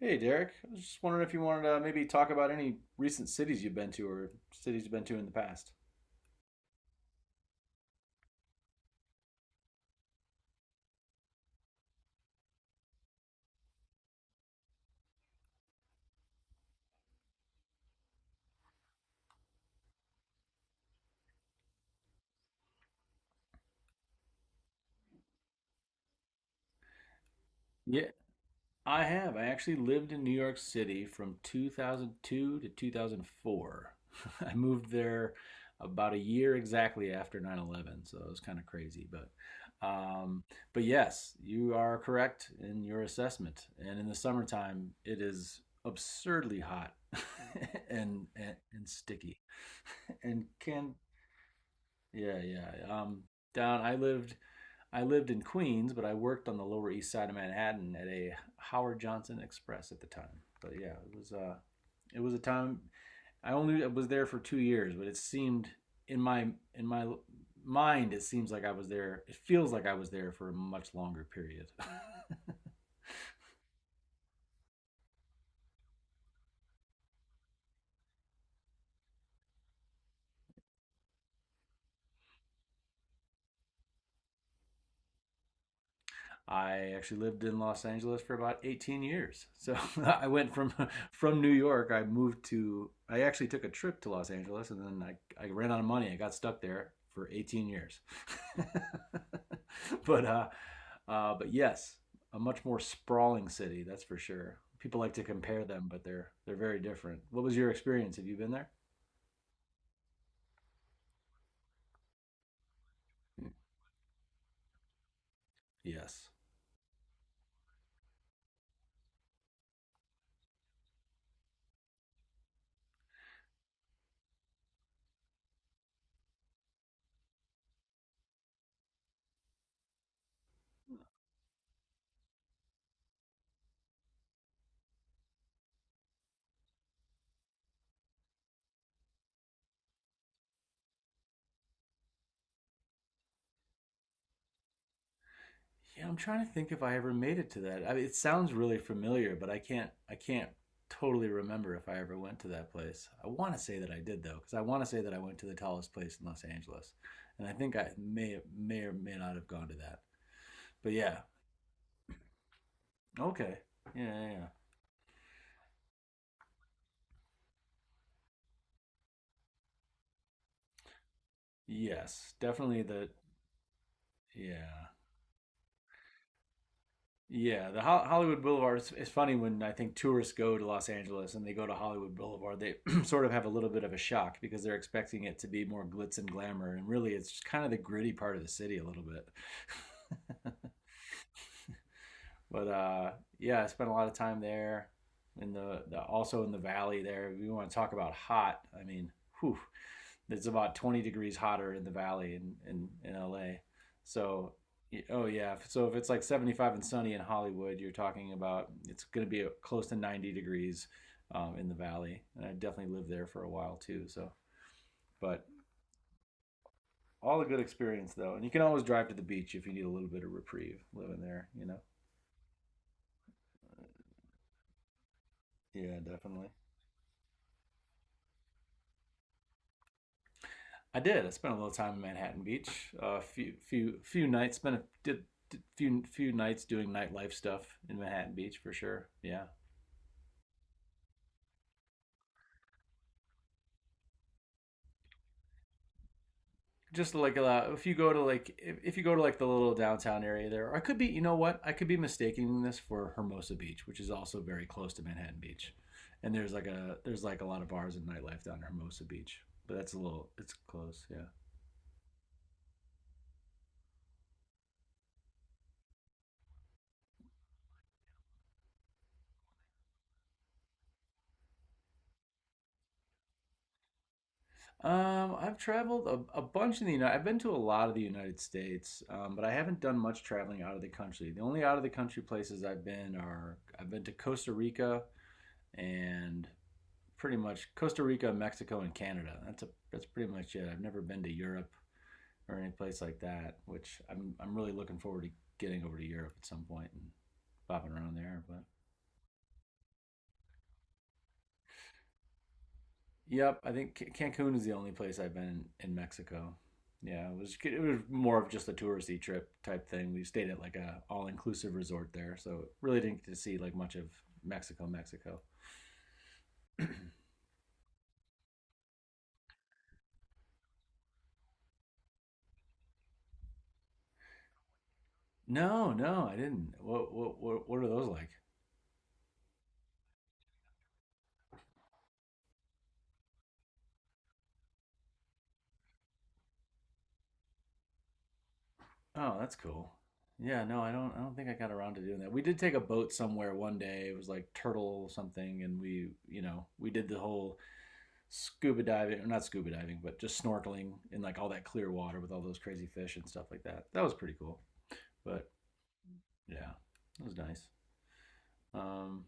Hey, Derek. I was just wondering if you wanted to maybe talk about any recent cities you've been to or cities you've been to in the past. Yeah, I have. I actually lived in New York City from 2002 to 2004. I moved there about a year exactly after 9/11, so it was kind of crazy, um, but yes, you are correct in your assessment. And in the summertime, it is absurdly hot and sticky and can. Yeah, yeah. Down. I lived. I lived in Queens, but I worked on the Lower East Side of Manhattan at a Howard Johnson Express at the time. But yeah, it was. It was a time. I only was there for 2 years, but it seemed in my in my mind, it seems like I was there. It feels like I was there for a much longer period. I actually lived in Los Angeles for about 18 years. So I went from from New York. I moved to. I actually took a trip to Los Angeles, and then I ran out of money. I got stuck there for 18 years. but uh, but yes, a much more sprawling city. That's for sure. People like to compare them, but they're very different. What was your experience? Have you been there? Yes. Yeah, I'm trying to think if I ever made it to that. I mean, it sounds really familiar, but I can't totally remember if I ever went to that place. I want to say that I did though, because I want to say that I went to the tallest place in Los Angeles, and I think I may or may not have gone to that. But yeah, okay, yeah, yeah, yeah. Yes, definitely the yeah. Yeah, the Hollywood Boulevard. It's funny when I think tourists go to Los Angeles and they go to Hollywood Boulevard, they sort of have a little bit of a shock because they're expecting it to be more glitz and glamour, and really, it's just kind of the gritty part of the city a little bit. but yeah, I spent a lot of time there in the also in the valley there. We want to talk about hot. I mean, whew, it's about 20 degrees hotter in the valley in LA. So, oh yeah. So if it's like 75 and sunny in Hollywood, you're talking about it's going to be close to 90 degrees in the valley. And I definitely lived there for a while too. So, but all a good experience though. And you can always drive to the beach if you need a little bit of reprieve living there, you know? Yeah, definitely. I did. I spent a little time in Manhattan Beach. A few nights. Spent a did few nights doing nightlife stuff in Manhattan Beach for sure. Yeah. Just like a. if you go to like if you go to like the little downtown area there, or I could be you know what I could be mistaking this for Hermosa Beach, which is also very close to Manhattan Beach, and there's like a lot of bars and nightlife down in Hermosa Beach, but that's a little it's close, yeah. I've traveled a bunch in the United. I've been to a lot of the United States, but I haven't done much traveling out of the country. The only out of the country places I've been are I've been to Costa Rica and pretty much Costa Rica, Mexico, and Canada. That's a that's pretty much it. I've never been to Europe or any place like that, which I'm really looking forward to getting over to Europe at some point and bopping around there. But. Yep, I think Cancun is the only place I've been in Mexico. Yeah, it was more of just a touristy trip type thing. We stayed at like a all inclusive resort there, so really didn't get to see like much of Mexico, Mexico. No, no, I didn't. What are those like? Oh, that's cool. Yeah, no, I don't think I got around to doing that. We did take a boat somewhere one day. It was like turtle something and we, you know, we did the whole scuba diving, or not scuba diving, but just snorkeling in like all that clear water with all those crazy fish and stuff like that. That was pretty cool. But yeah, it was nice. Um,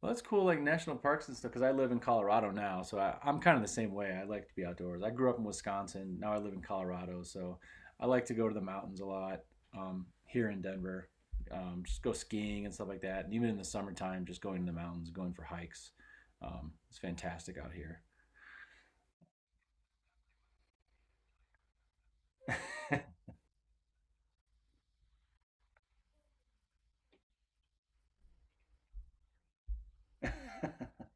well, that's cool, like national parks and stuff, because I live in Colorado now. So I'm kind of the same way. I like to be outdoors. I grew up in Wisconsin. Now I live in Colorado. So I like to go to the mountains a lot here in Denver. Just go skiing and stuff like that. And even in the summertime, just going to the mountains, going for hikes. It's fantastic out here.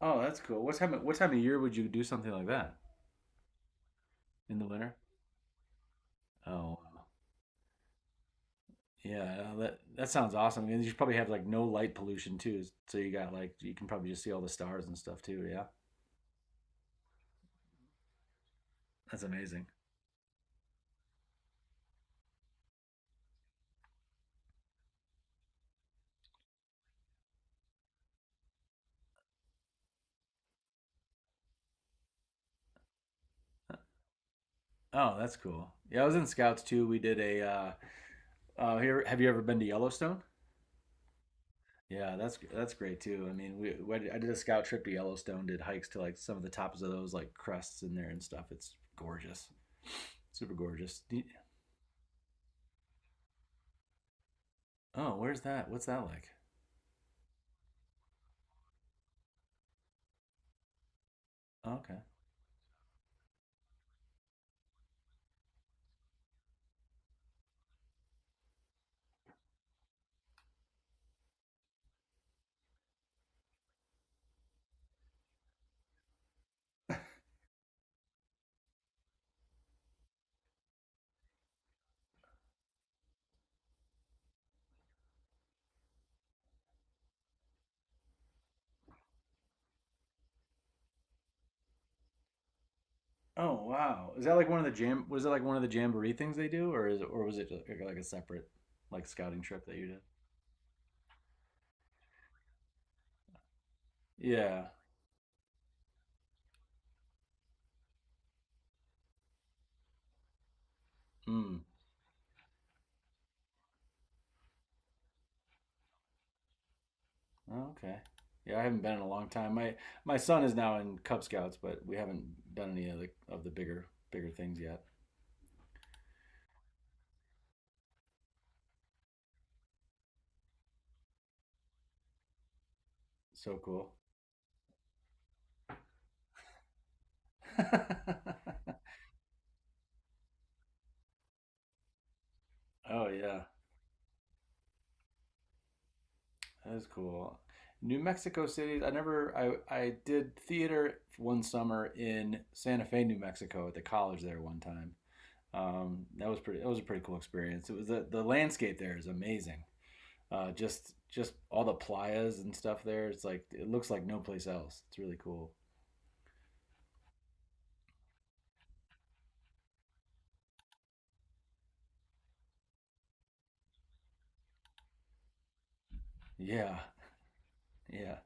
Oh, that's cool. What time? What time of year would you do something like that in the winter? Oh, wow. Yeah. That that sounds awesome. And you should probably have like no light pollution too, so you got like you can probably just see all the stars and stuff too. Yeah, that's amazing. Oh, that's cool. Yeah, I was in Scouts too. We did a. Here, have you ever been to Yellowstone? Yeah, that's great too. I mean, we I did a scout trip to Yellowstone. Did hikes to like some of the tops of those like crests in there and stuff. It's gorgeous, super gorgeous. Do you- oh, where's that? What's that like? Oh, okay. Oh wow! Is that like one of the jam? Was it like one of the jamboree things they do, or is it, or was it like a separate like scouting trip that you did? Yeah. Hmm. Oh, okay. Yeah, I haven't been in a long time. My son is now in Cub Scouts, but we haven't done any of the bigger things yet. So cool. oh yeah, that is cool. New Mexico City. I never. I did theater one summer in Santa Fe, New Mexico, at the college there one time that was pretty. That was a pretty cool experience. It was the landscape there is amazing. Just all the playas and stuff there. It's like it looks like no place else. It's really cool. Yeah, yeah,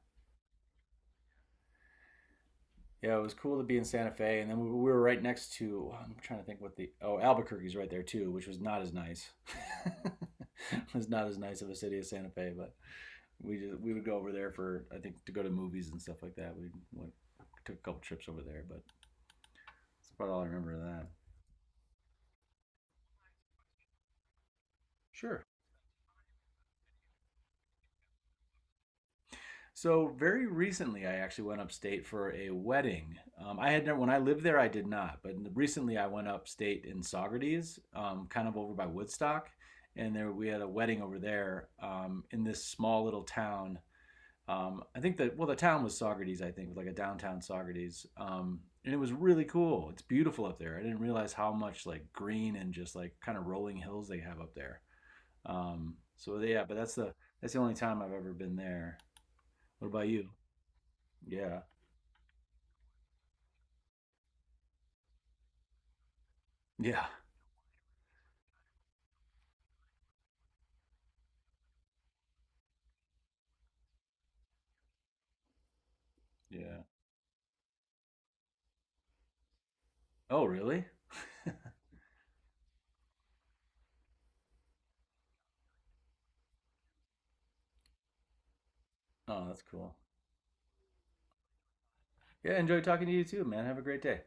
yeah. It was cool to be in Santa Fe, and then we were right next to. I'm trying to think what the oh Albuquerque's right there too, which was not as nice. it was not as nice of a city as Santa Fe, but we just, we would go over there for I think to go to movies and stuff like that. We went, took a couple trips over there, but that's about all I remember of that. Sure. So very recently, I actually went upstate for a wedding. I had never, when I lived there, I did not, but recently I went upstate in Saugerties, kind of over by Woodstock, and there we had a wedding over there in this small little town. I think that well, the town was Saugerties, I think, it was like a downtown Saugerties, and it was really cool. It's beautiful up there. I didn't realize how much like green and just like kind of rolling hills they have up there. So yeah, but that's the only time I've ever been there. What about you? Yeah. Yeah. Yeah. Oh, really? Oh, that's cool. Yeah, enjoy talking to you too, man. Have a great day.